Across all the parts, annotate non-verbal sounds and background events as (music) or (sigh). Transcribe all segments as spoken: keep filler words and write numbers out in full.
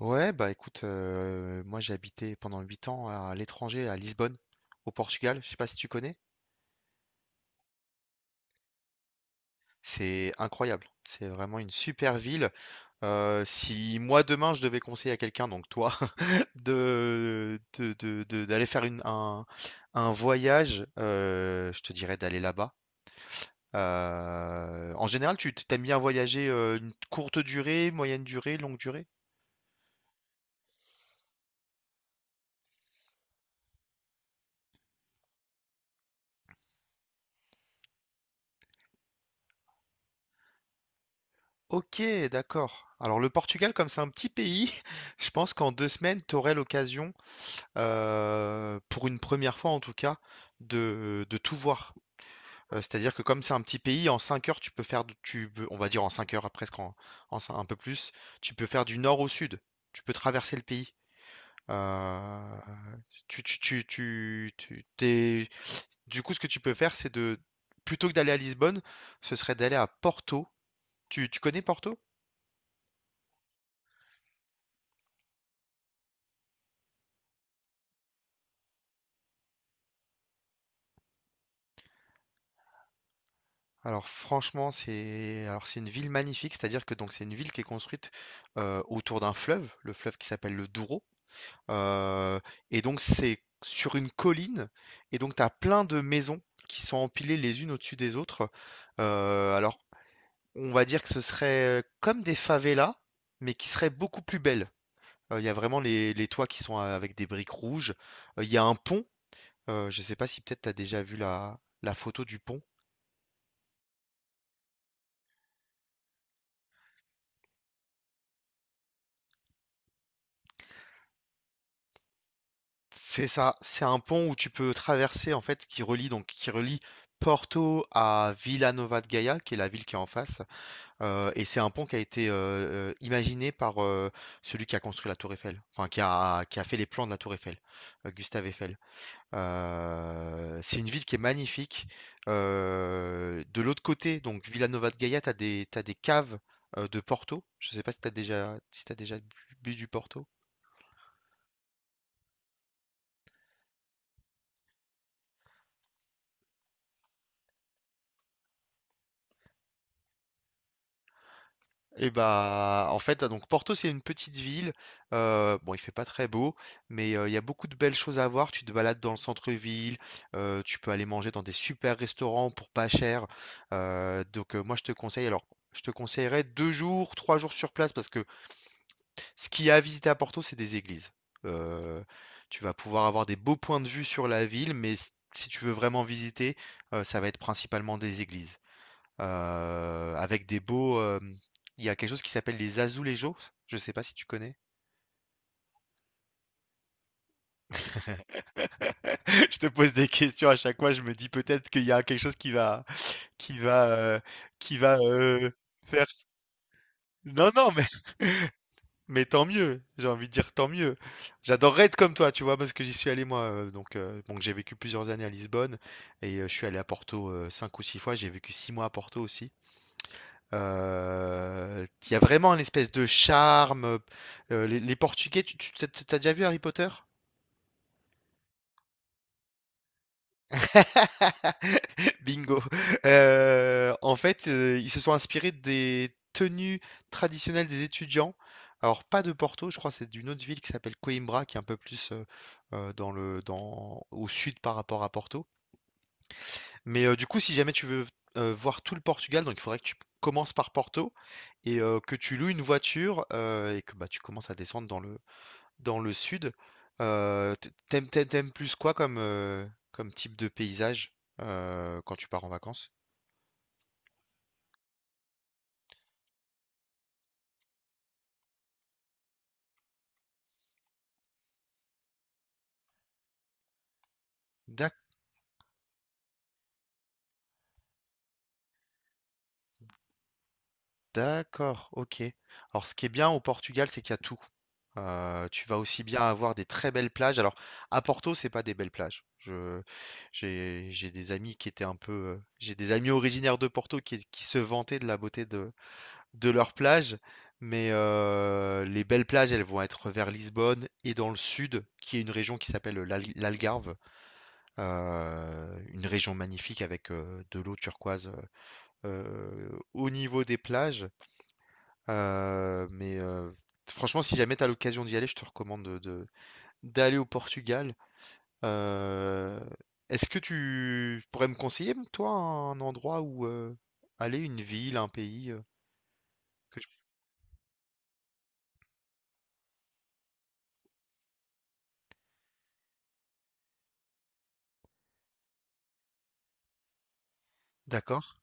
Ouais, bah écoute, euh, moi j'ai habité pendant huit ans à l'étranger, à Lisbonne, au Portugal. Je sais pas si tu connais. C'est incroyable. C'est vraiment une super ville. Euh, si moi demain je devais conseiller à quelqu'un, donc toi, (laughs) de, de- de- de- d'aller faire une- un, un voyage, euh, je te dirais d'aller là-bas. Euh, en général, tu t'aimes bien voyager euh, une courte durée, moyenne durée, longue durée? Ok, d'accord. Alors le Portugal, comme c'est un petit pays, (laughs) je pense qu'en deux semaines, tu aurais l'occasion, euh, pour une première fois en tout cas, de, de tout voir. Euh, c'est-à-dire que comme c'est un petit pays, en cinq heures, tu peux faire, de- tu, peux- on va dire en cinq heures, presque en, en cin- un peu plus, tu peux faire du nord au sud. Tu peux traverser le pays. Euh, tu, tu, tu, tu, tu- t'es- Du coup, ce que tu peux faire, c'est de, plutôt que d'aller à Lisbonne, ce serait d'aller à Porto. Tu, tu connais Porto? Alors franchement, c'est alors c'est une ville magnifique, c'est-à-dire que donc c'est une ville qui est construite euh, autour d'un fleuve, le fleuve qui s'appelle le Douro. Euh, et donc c'est sur une colline, et donc tu as plein de maisons qui sont empilées les unes au-dessus des autres. Euh, alors on va dire que ce serait comme des favelas, mais qui seraient beaucoup plus belles. Euh, Il y a vraiment les, les toits qui sont euh, avec des briques rouges. Euh, Il y a un pont, euh, je ne sais pas si peut-être tu as déjà vu la, la photo du pont. C'est ça, c'est un pont où tu peux traverser en fait qui relie donc qui relie Porto à Villanova de Gaia, qui est la ville qui est en face. Euh, et c'est un pont qui a été euh, euh, imaginé par euh, celui qui a construit la Tour Eiffel, enfin qui a, qui a fait les plans de la Tour Eiffel, euh, Gustave Eiffel. Euh, c'est une ville qui est magnifique. Euh, de l'autre côté, donc Villanova de Gaia, t'as des, t'as des caves euh, de Porto. Je sais pas si t'as déjà si t'as déjà bu bu du Porto. Et bah, en fait, donc Porto, c'est une petite ville. euh, bon, il fait pas très beau, mais euh, il y a beaucoup de belles choses à voir. Tu te balades dans le centre-ville, euh, tu peux aller manger dans des super restaurants pour pas cher. Euh, donc, euh, moi, je te conseille, alors, je te conseillerais deux jours, trois jours sur place parce que ce qu'il y a à visiter à Porto, c'est des églises. Euh, Tu vas pouvoir avoir des beaux points de vue sur la ville, mais s- si tu veux vraiment visiter, euh, ça va être principalement des églises euh, avec des beaux. Euh, il y a quelque chose qui s'appelle les azulejos. Je sais pas si tu connais. (laughs) Je te pose des questions à chaque fois. Je me dis peut-être qu'il y a quelque chose qui va, qui va, euh, qui va euh, faire. Non, non, mais, (laughs) mais tant mieux. J'ai envie de dire tant mieux. J'adorerais être comme toi, tu vois, parce que j'y suis allé moi. euh, donc, euh, bon, j'ai vécu plusieurs années à Lisbonne et euh, je suis allé à Porto euh, cinq ou six fois. J'ai vécu six mois à Porto aussi. Euh, Il y a vraiment une espèce de charme. Euh, les, les Portugais, tu, tu- t'as t'as déjà vu Harry Potter? (laughs) Bingo. Euh, en fait, euh, ils se sont inspirés des tenues traditionnelles des étudiants. Alors, pas de Porto, je crois, que c'est d'une autre ville qui s'appelle Coimbra, qui est un peu plus euh, euh, dans le, dans, au sud par rapport à Porto. Mais euh, du coup, si jamais tu veux euh, voir tout le Portugal, donc il faudrait que tu commences par Porto et euh, que tu loues une voiture euh, et que bah, tu commences à descendre dans le, dans le sud. Euh, t- t'aimes, t'aimes- t'aimes plus quoi comme, euh, comme type de paysage euh, quand tu pars en vacances? D'accord, OK. Alors ce qui est bien au Portugal, c'est qu'il y a tout. Euh, tu vas aussi bien avoir des très belles plages. Alors à Porto, c'est pas des belles plages. Je, j'ai, j'ai des amis qui étaient un peu, euh, j'ai des amis originaires de Porto qui, qui se vantaient de la beauté de, de leurs plages, mais euh, les belles plages, elles vont être vers Lisbonne et dans le sud, qui est une région qui s'appelle l'Al- l'Algarve, euh, une région magnifique avec euh, de l'eau turquoise euh, au niveau des plages. Euh, mais euh, franchement, si jamais tu as l'occasion d'y aller, je te recommande de, de- d'aller au Portugal. Euh, Est-ce que tu pourrais me conseiller, toi, un endroit où euh, aller, une ville, un pays euh, que je- D'accord.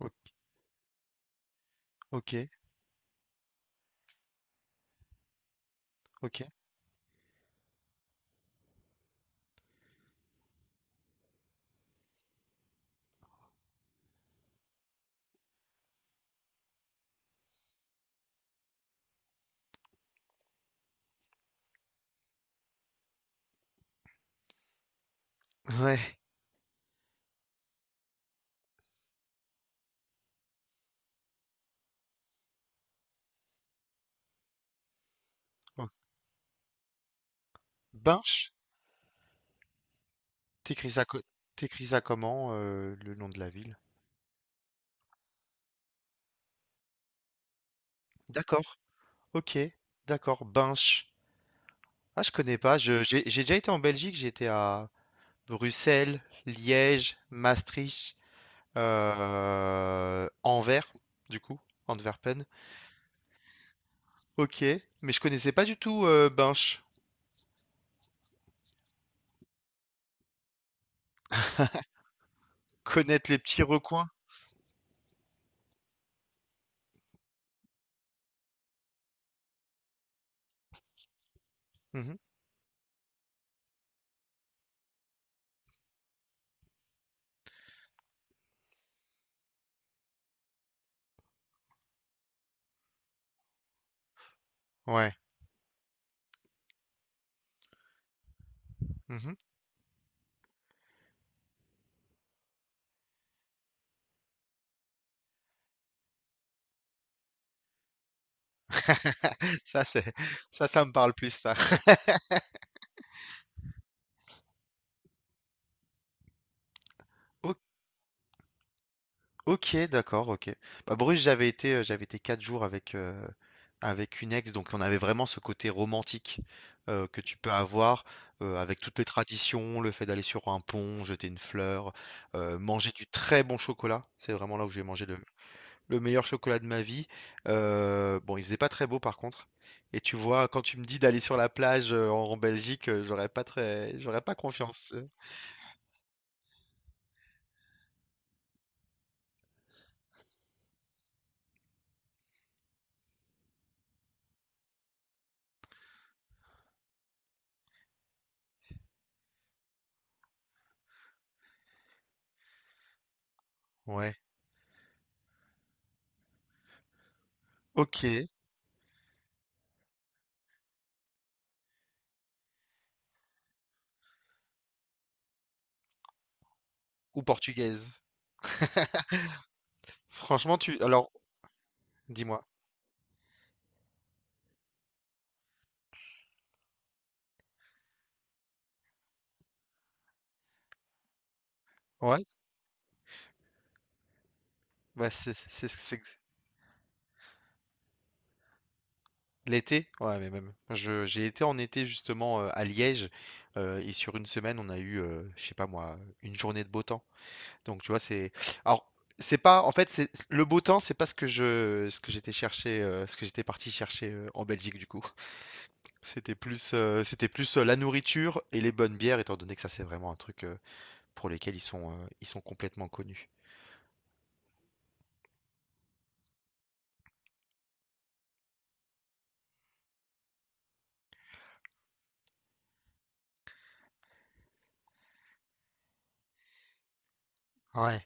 O- Ok, ok. (laughs) Ouais. O- Binche? T'écris ça, co- T'écris ça comment, euh, le nom de la ville? D'accord. Ok, d'accord. Binche. Ah, je connais pas. Je, j'ai j'ai déjà été en Belgique. J'étais à Bruxelles, Liège, Maastricht. Euh, Anvers, du coup, Antwerpen. Ok, mais je connaissais pas du tout euh, Binche. Connaître les petits recoins. Mhm. Ouais. Mhm. (laughs) Ça, c'est, ça, ça me parle plus, ça. (laughs) O- Ok, d'accord, ok. Bah, Bruges, j'avais été, euh, j'avais été quatre jours avec, euh, avec une ex, donc on avait vraiment ce côté romantique euh, que tu peux avoir euh, avec toutes les traditions, le fait d'aller sur un pont, jeter une fleur, euh, manger du très bon chocolat. C'est vraiment là où j'ai mangé le, le meilleur chocolat de ma vie. Euh, bon, il faisait pas très beau par contre. Et tu vois, quand tu me dis d'aller sur la plage euh, en, en Belgique, euh, j'aurais pas très, j'aurais pas confiance. euh. Ouais. Ok. Ou portugaise. Franchement, tu. Alors, dis-moi. Ouais. Bah c'est c'est c'est- l'été. Ouais, mais même. Je j'ai été en été justement euh, à Liège euh, et sur une semaine, on a eu, euh, je sais pas moi, une journée de beau temps. Donc, tu vois, c'est. Alors, c'est pas. En fait, c'est le beau temps, c'est pas ce que je, ce que j'étais chercher, euh, ce que j'étais parti chercher euh, en Belgique du coup. (laughs) C'était plus, euh, c'était plus euh, la nourriture et les bonnes bières, étant donné que ça, c'est vraiment un truc euh, pour lesquels ils sont, euh, ils sont complètement connus. Ouais.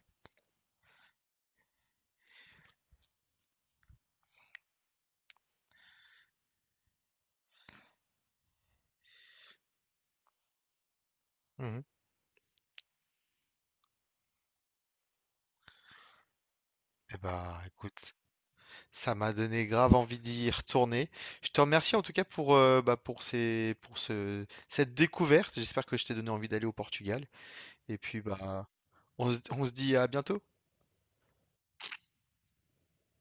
Mhm. Eh bah, écoute, ça m'a donné grave envie d'y retourner. Je te remercie en tout cas pour, euh, bah, pour ces, pour ce, cette découverte. J'espère que je t'ai donné envie d'aller au Portugal. Et puis, bah, on se on se dit à bientôt.